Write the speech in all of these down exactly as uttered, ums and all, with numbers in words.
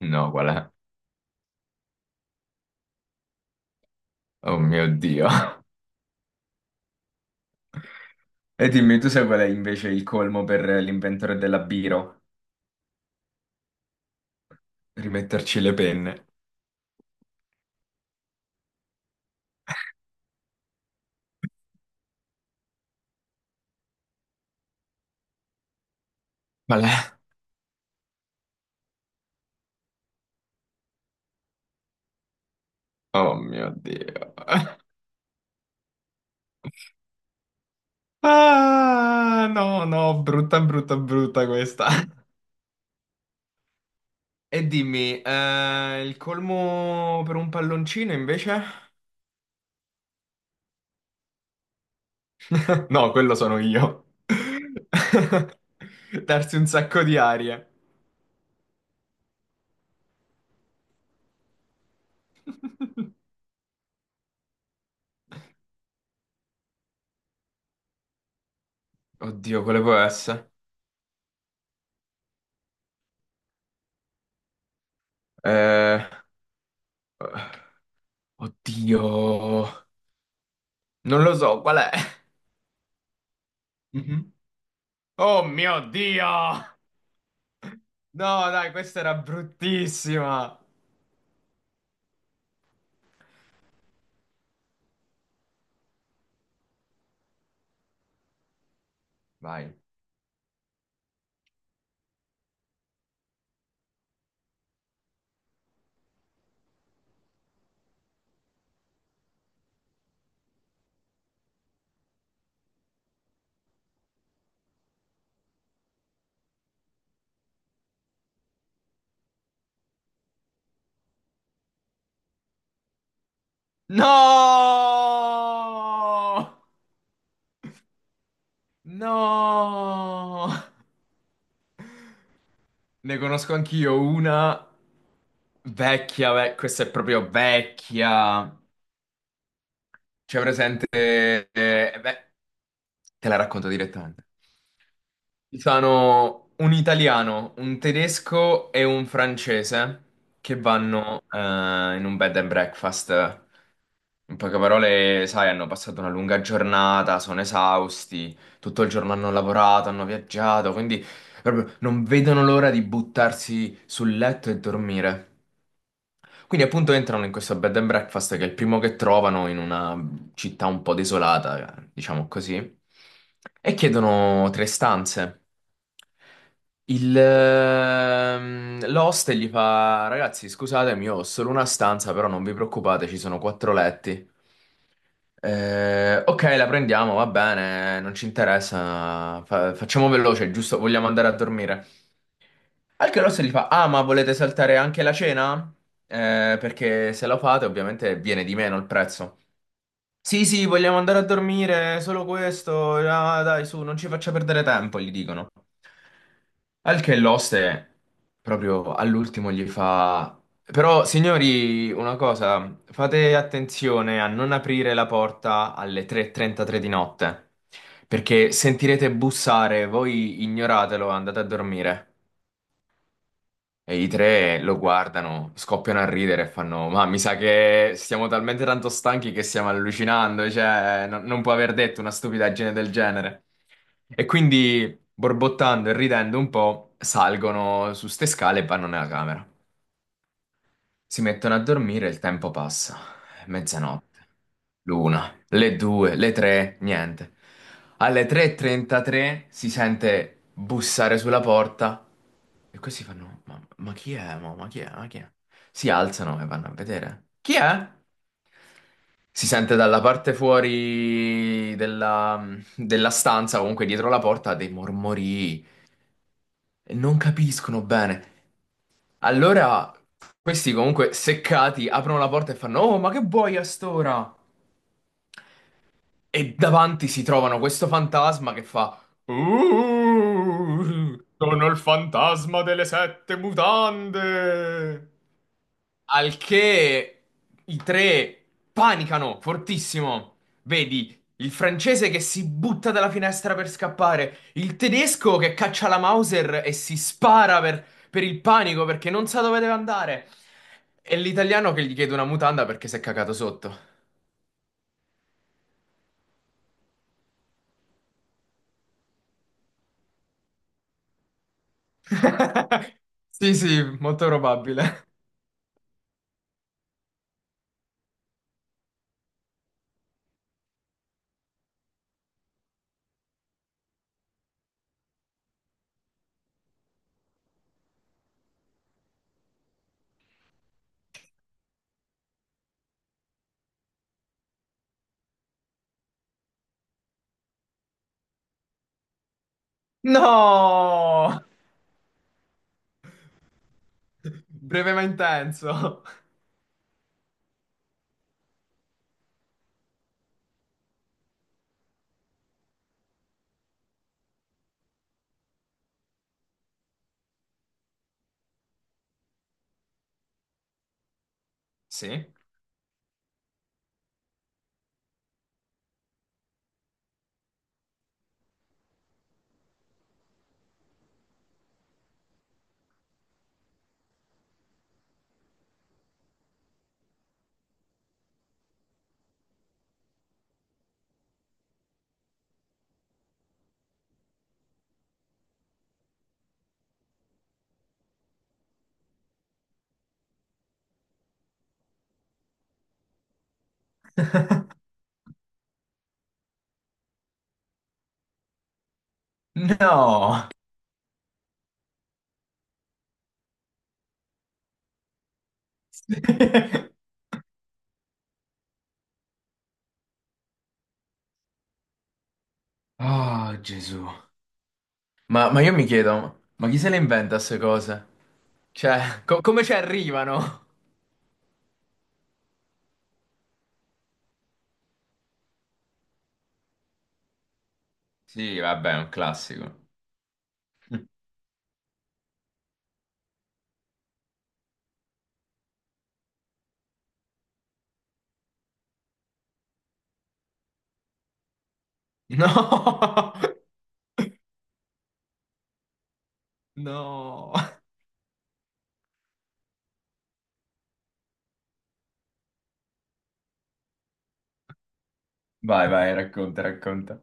No, qual è? Oh mio Dio. E dimmi tu se qual è invece il colmo per l'inventore della Biro? Rimetterci le penne. Qual è? Oh mio Dio. Ah, no, no, brutta, brutta, brutta questa. E dimmi, eh, il colmo per un palloncino invece? No, quello sono io. Darsi un sacco di aria. Oddio, quale può essere? Eh, Oddio. Non lo so, qual è? Mhm. Oh mio Dio! No, dai, questa era bruttissima. Vai. No! No! Ne conosco anch'io una vecchia, ve- questa è proprio vecchia. C'è presente, eh, eh, beh, te la racconto direttamente. Sono un italiano, un tedesco e un francese che vanno eh, in un bed and breakfast. In poche parole, sai, hanno passato una lunga giornata, sono esausti, tutto il giorno hanno lavorato, hanno viaggiato, quindi proprio non vedono l'ora di buttarsi sul letto e dormire. Quindi appunto entrano in questo bed and breakfast che è il primo che trovano in una città un po' desolata, eh, diciamo così, e chiedono tre stanze. Il, ehm, l'host gli fa: Ragazzi, scusatemi, io ho solo una stanza, però non vi preoccupate, ci sono quattro letti. Eh, ok, la prendiamo, va bene, non ci interessa. fa- facciamo veloce, giusto? Vogliamo andare a dormire. Al che l'host gli fa: Ah, ma volete saltare anche la cena? Eh, perché se lo fate, ovviamente viene di meno il prezzo. Sì, sì, vogliamo andare a dormire, solo questo. Ah, dai, su, non ci faccia perdere tempo, gli dicono. Al che l'oste proprio all'ultimo gli fa: Però, signori, una cosa, fate attenzione a non aprire la porta alle tre e trentatré di notte, perché sentirete bussare, voi ignoratelo, andate a dormire. E i tre lo guardano, scoppiano a ridere e fanno: Ma mi sa che siamo talmente tanto stanchi che stiamo allucinando, cioè, no- non può aver detto una stupidaggine del genere. E quindi, borbottando e ridendo un po', salgono su ste scale e vanno nella camera. Si mettono a dormire e il tempo passa. Mezzanotte, l'una, le due, le tre, niente. Alle tre e trentatré si sente bussare sulla porta e questi fanno: Ma, ma chi è? Mo? Ma, chi è? Ma chi è? Si alzano e vanno a vedere. Chi è? Si sente dalla parte fuori della, della stanza, comunque dietro la porta, dei mormorii. E non capiscono bene. Allora, questi comunque seccati aprono la porta e fanno: Oh, ma che vuoi a st'ora? E davanti si trovano questo fantasma che fa: "Uh, sono il fantasma delle sette mutande. Al che i tre panicano fortissimo. Vedi il francese che si butta dalla finestra per scappare, il tedesco che caccia la Mauser e si spara per, per il panico perché non sa dove deve andare, e l'italiano che gli chiede una mutanda perché si è cagato sotto. Sì, sì, molto probabile. No! Breve ma intenso. Sì? No! Oh, Gesù. Ma, ma io mi chiedo, ma chi se le inventa queste cose? Cioè, co- come ci arrivano? Sì, vabbè, è un classico. No, no, vai, vai, racconta, racconta.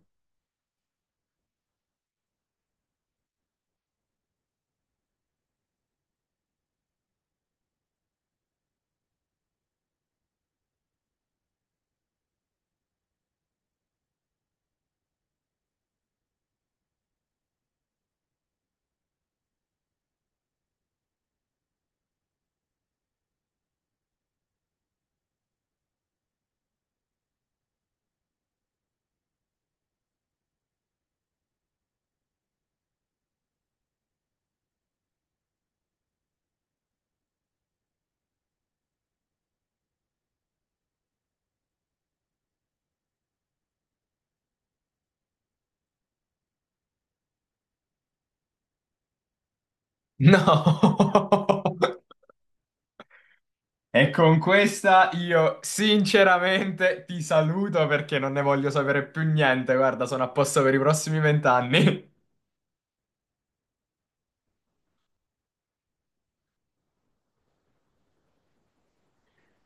No. E con questa io sinceramente ti saluto perché non ne voglio sapere più niente. Guarda, sono a posto per i prossimi vent'anni.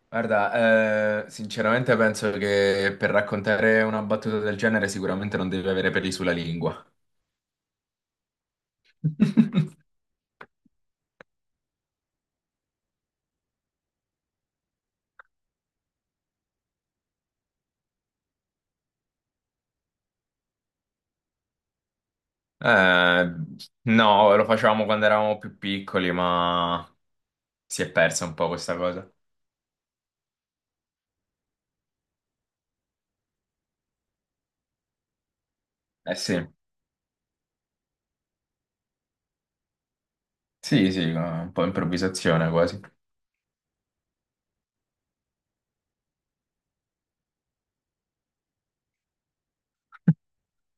Guarda, eh, sinceramente penso che per raccontare una battuta del genere sicuramente non devi avere peli sulla lingua. Eh, no, lo facevamo quando eravamo più piccoli, ma si è persa un po' questa cosa. Eh sì, sì, sì, un po' improvvisazione quasi.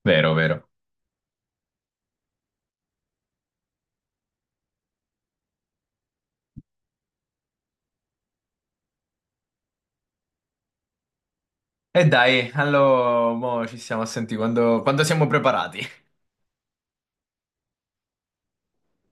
Vero, vero. E dai, allora mo ci stiamo a sentire quando, quando siamo preparati.